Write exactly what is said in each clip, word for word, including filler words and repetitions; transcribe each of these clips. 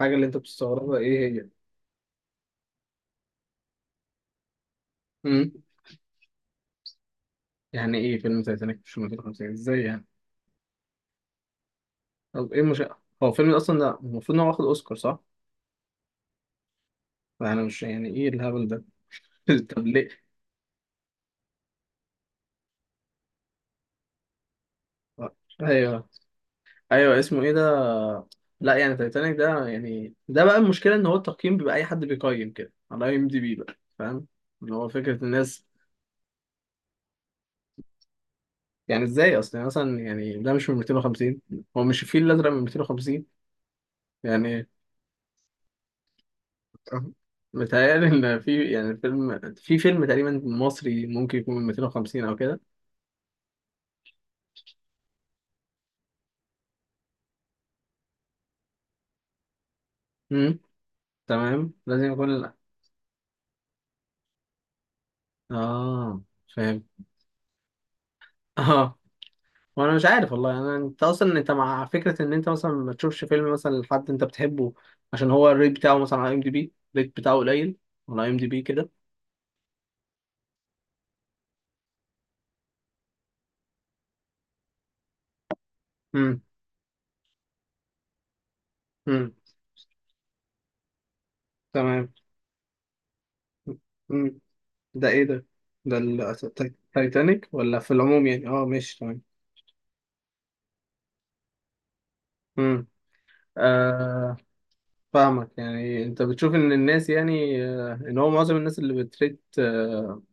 الحاجة اللي انت بتستغربها ايه هي؟ امم. يعني ايه فيلم تايتانيك مش ألف وتسعمية وخمسين ازاي يعني؟ طب ايه مش. هو فيلم اصلا ده المفروض ان هو واخد اوسكار صح؟ يعني مش، يعني ايه الهبل ده؟ طب ليه؟ ايوه، ايوه، اسمه ايه ده؟ لا، يعني تايتانيك ده يعني ده بقى المشكلة ان هو التقييم بيبقى اي حد بيقيم كده على اي ام دي بي، بقى فاهم؟ اللي هو فكرة الناس. يعني ازاي اصلا، يعني مثلا يعني ده مش من ميتين وخمسين، هو مش الفيل الازرق من ميتين وخمسين يعني. أه. متهيألي إن في يعني فيلم في فيلم تقريبا مصري ممكن يكون من ميتين وخمسين أو كده. امم. تمام، لازم يكون ال- آه. فاهم. آه. وأنا مش عارف والله، أنا أنت أصلا أنت مع فكرة إن أنت مثلا ما تشوفش فيلم مثلا لحد أنت بتحبه، عشان هو الريت بتاعه مثلا على أي إم دي بي الريت بتاعه قليل، على أي إم دي بي كده. امم. امم. تمام. امم. ده إيه ده؟ ده التايتانيك ولا في العموم يعني؟ آه، ماشي تمام. امم. فاهمك، يعني انت بتشوف ان الناس، يعني آه، ان هو معظم الناس اللي بتريد، آه،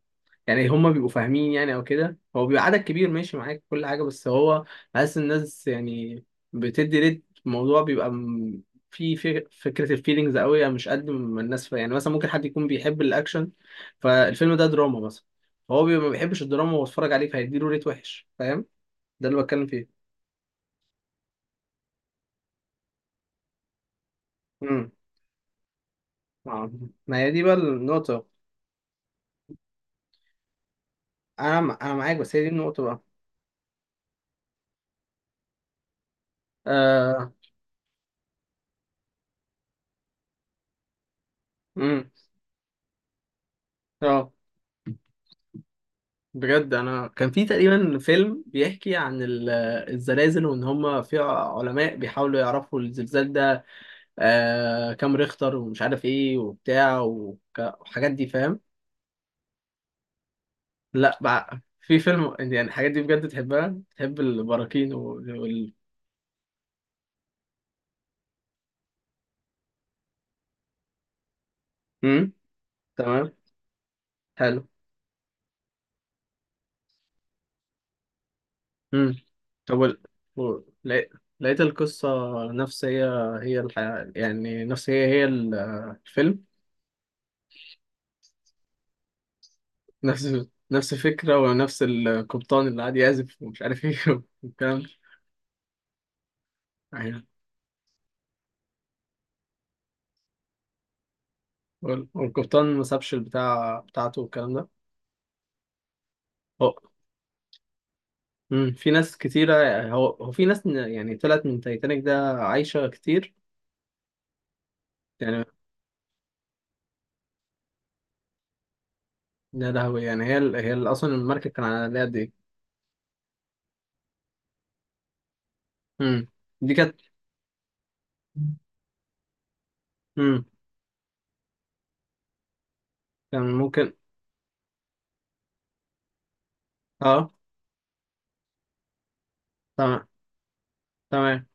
يعني هم بيبقوا فاهمين، يعني او كده هو بيبقى عدد كبير ماشي معاك كل حاجه، بس هو حاسس الناس يعني بتدي ريت، الموضوع بيبقى م- في في فكره الفيلينجز قوي، مش قد ما الناس فا- يعني مثلا ممكن حد يكون بيحب الاكشن، فالفيلم ده دراما مثلا، هو بيبقى ما بيحبش الدراما وهو اتفرج عليه فهيديله ريت وحش، فاهم. ده اللي بتكلم فيه. امم. ما هي دي بقى النقطه. انا انا معاك، بس هي دي النقطه بقى. آه، امم. اه. بجد انا كان في تقريبا فيلم بيحكي عن ال- الزلازل، وان هم في علماء بيحاولوا يعرفوا الزلزال ده آه كام ريختر ومش عارف ايه وبتاع وك- والحاجات دي فاهم. لا بقى في فيلم يعني الحاجات دي بجد تحبها، تحب البراكين وال وال- امم. تمام. حلو. امم. طب وال... و- لقيت، لقيت القصة نفس هي، هي الحياة يعني نفس هي، هي ال- الفيلم. نفس نفس الفكرة ونفس القبطان اللي قاعد يعزف ومش عارف ايه والكلام ده يعني. وال- والقبطان ما سابش البتاع بتاعته والكلام ده. هو مم، في ناس كتيرة، هو هو في ناس ن- يعني طلعت من تايتانيك ده عايشة كتير يعني. ده لهوي يعني، هي ال- هي ال- أصلا المركب كان على قد ايه. مم. دي كانت مم. كان ممكن. اه. تمام. تمام،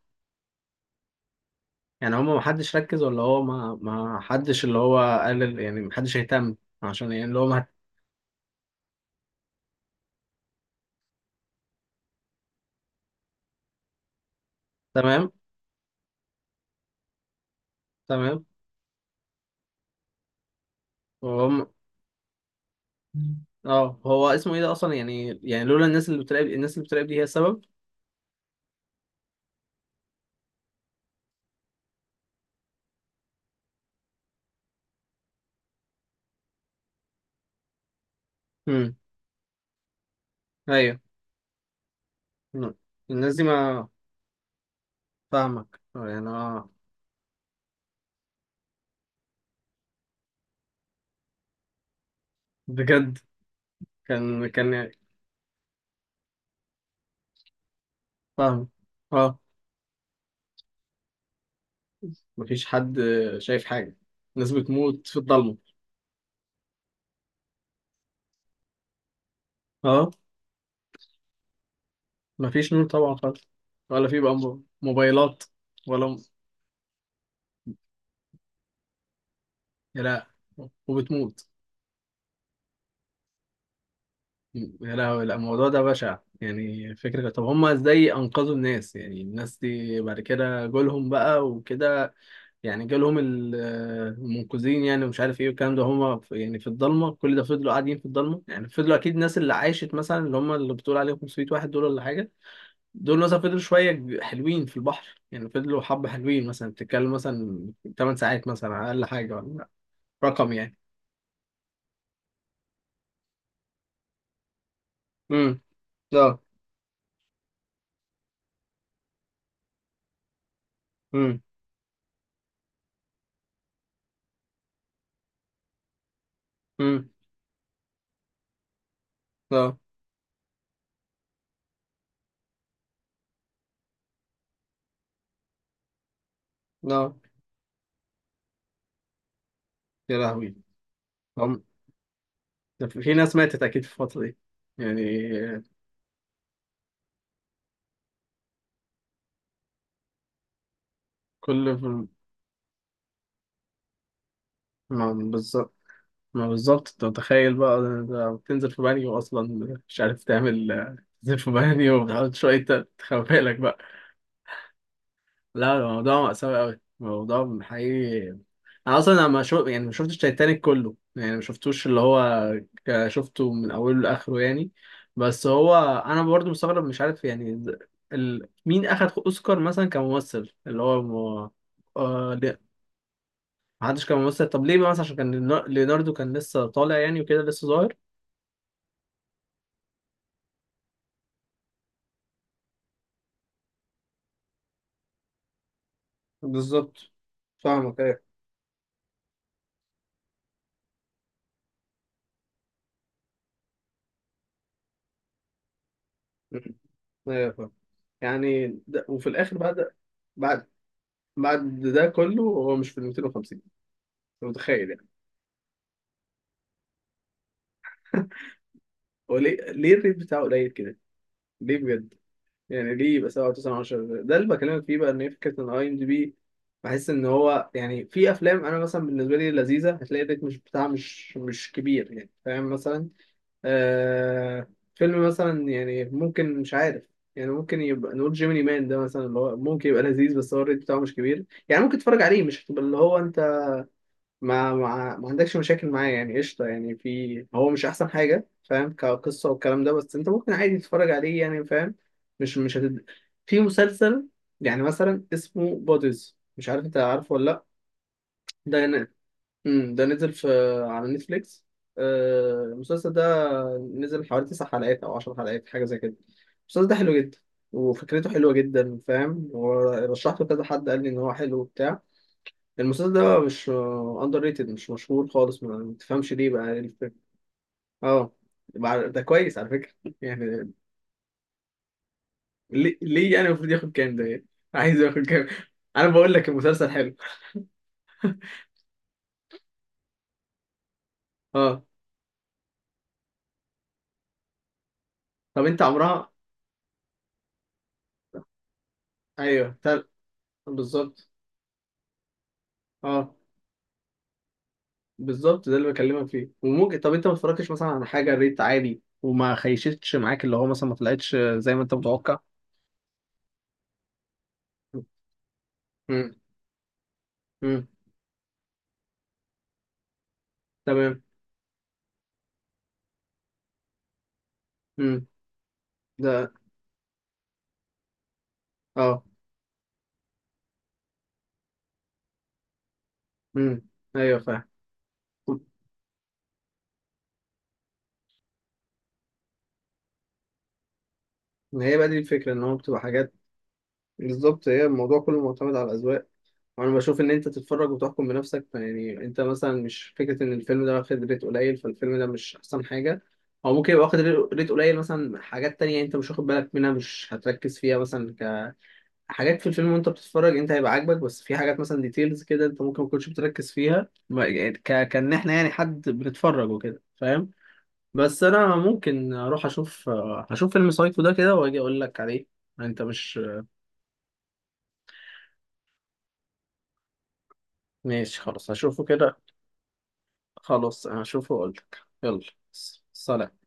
يعني هما ما حدش ركز، ولا هو ما ما حدش اللي هو قال ال- يعني ما حدش اهتم، عشان يعني اللي هو ما. تمام. تمام. هم. اه، هو اسمه ايه ده اصلا يعني؟ يعني لولا الناس اللي بتراقب، الناس اللي بتراقب دي هي السبب. امم. ايوه. مم. الناس دي ما. فاهمك، آه، يعني اه. بجد. كان كان. فاهم. اه. مفيش حد شايف حاجه، الناس بتموت في الضلمه. اه، مفيش نور طبعا خالص. ولا في بقى مو- موبايلات. ولا. لا. وبتموت. يا لهوي، لا، الموضوع ده بشع. يعني فكرة، طب هما ازاي انقذوا الناس يعني؟ الناس دي بعد كده جولهم بقى وكده، يعني جالهم ال- المنقذين يعني ومش عارف ايه والكلام ده، هما في- يعني في الضلمة كل ده فضلوا قاعدين في الضلمة. يعني فضلوا اكيد الناس اللي عاشت مثلا، اللي هما اللي بتقول عليهم خمسمية واحد دول ولا حاجة، دول مثلا فضلوا شوية حلوين في البحر يعني، فضلوا حبة حلوين مثلا، بتتكلم مثلا تمانية ساعات مثلا على اقل حاجة، ولا رقم يعني. امم. لا. امم. امم. لا. لا. يا لهوي. ده في في ناس ماتت أكيد في الفترة دي يعني. كل. ما بالظبط. ما بالظبط، أنت متخيل بقى ده ده بتنزل في بانيو أصلا مش عارف تعمل، تنزل في بانيو وبتحاول شوية تخبي لك بقى. لا، الموضوع مأساوي أوي، الموضوع حقيقي. أنا أصلا أنا ما شو... يعني ما شفتش تايتانيك كله، يعني ما شفتوش اللي هو ك- شفته من أوله لآخره يعني، بس هو أنا برضو مستغرب مش عارف يعني. ال... مين أخد أوسكار مثلا كممثل اللي هو؟ م... ما حدش كان ممثل، طب ليه بقى؟ مثلا عشان كان لينا- ليوناردو كان لسه طالع يعني وكده لسه صغير. بالظبط. فاهمك ايه. ايوه، فاهم. يعني ده، وفي الاخر بعد بعد بعد ده كله هو مش في ال ميتين وخمسين؟ انت متخيل يعني. هو ليه ليه الريت بتاعه قليل كده؟ ليه بجد؟ يعني ليه يبقى سبعة تسعة عشرة؟ ده اللي بكلمك فيه بقى، ان هي فكره ان اي ام دي بي، بحس ان هو يعني في افلام انا مثلا بالنسبه لي لذيذه هتلاقي الريت مش بتاعها مش مش كبير يعني فاهم مثلا. آه، فيلم مثلا يعني ممكن مش عارف، يعني ممكن يبقى نقول جيميني مان ده مثلا، اللي هو ممكن يبقى لذيذ بس هو الريت بتاعه مش كبير، يعني ممكن تتفرج عليه، مش هتبقى اللي هو انت ما ما, ما عندكش مشاكل معاه يعني قشطه، يعني في، هو مش احسن حاجه فاهم كقصه والكلام ده، بس انت ممكن عادي تتفرج عليه يعني فاهم. مش مش هتد... في مسلسل يعني مثلا اسمه بوديز، مش عارف انت عارفه ولا. لا، ده. امم. ده نزل في، على نتفليكس، آه، المسلسل ده نزل حوالي تسع حلقات او عشر حلقات حاجه زي كده. المسلسل ده حلو جدا، وفكرته حلوه جدا فاهم، ورشحته كذا حد قال لي ان هو حلو وبتاع. المسلسل ده مش اندر ريتد، مش مشهور خالص، ما ما تفهمش ليه بقى إيه الفكرة. اه. مع- ده كويس على فكره يعني. ليه ليه يعني المفروض ياخد كام ده يعني؟ عايز ياخد كام؟ انا بقول لك المسلسل حلو. اه. طب انت عمرها؟ ايوه تل... بالظبط. اه، بالظبط ده اللي بكلمك فيه، وممكن طب انت ما اتفرجتش مثلا على حاجه ريت عالي وما خيشتش معاك، اللي هو مثلا ما طلعتش زي ما انت متوقع؟ امم. امم. تمام. امم. ده. اه. امم. ايوه فاهم. ما هي بقى دي الفكره ان هو بتبقى حاجات. بالظبط، هي الموضوع كله معتمد على الاذواق. وانا بشوف ان انت تتفرج وتحكم بنفسك يعني، انت مثلا مش فكره ان الفيلم ده واخد ريت قليل فالفيلم ده مش احسن حاجه، او ممكن يبقى واخد ريت ريت قليل مثلا، حاجات تانية انت مش واخد بالك منها مش هتركز فيها مثلا، حاجات في الفيلم وانت بتتفرج انت هيبقى عاجبك، بس في حاجات مثلا ديتيلز كده انت ممكن ما تكونش بتركز فيها ما- يعني ك... كان احنا يعني حد بنتفرج وكده فاهم. بس انا ممكن اروح اشوف، هشوف فيلم سايكو ده كده واجي اقول لك عليه. انت مش. ماشي خلاص هشوفه كده. خلاص هشوفه واقول لك. يلا. س- سلام.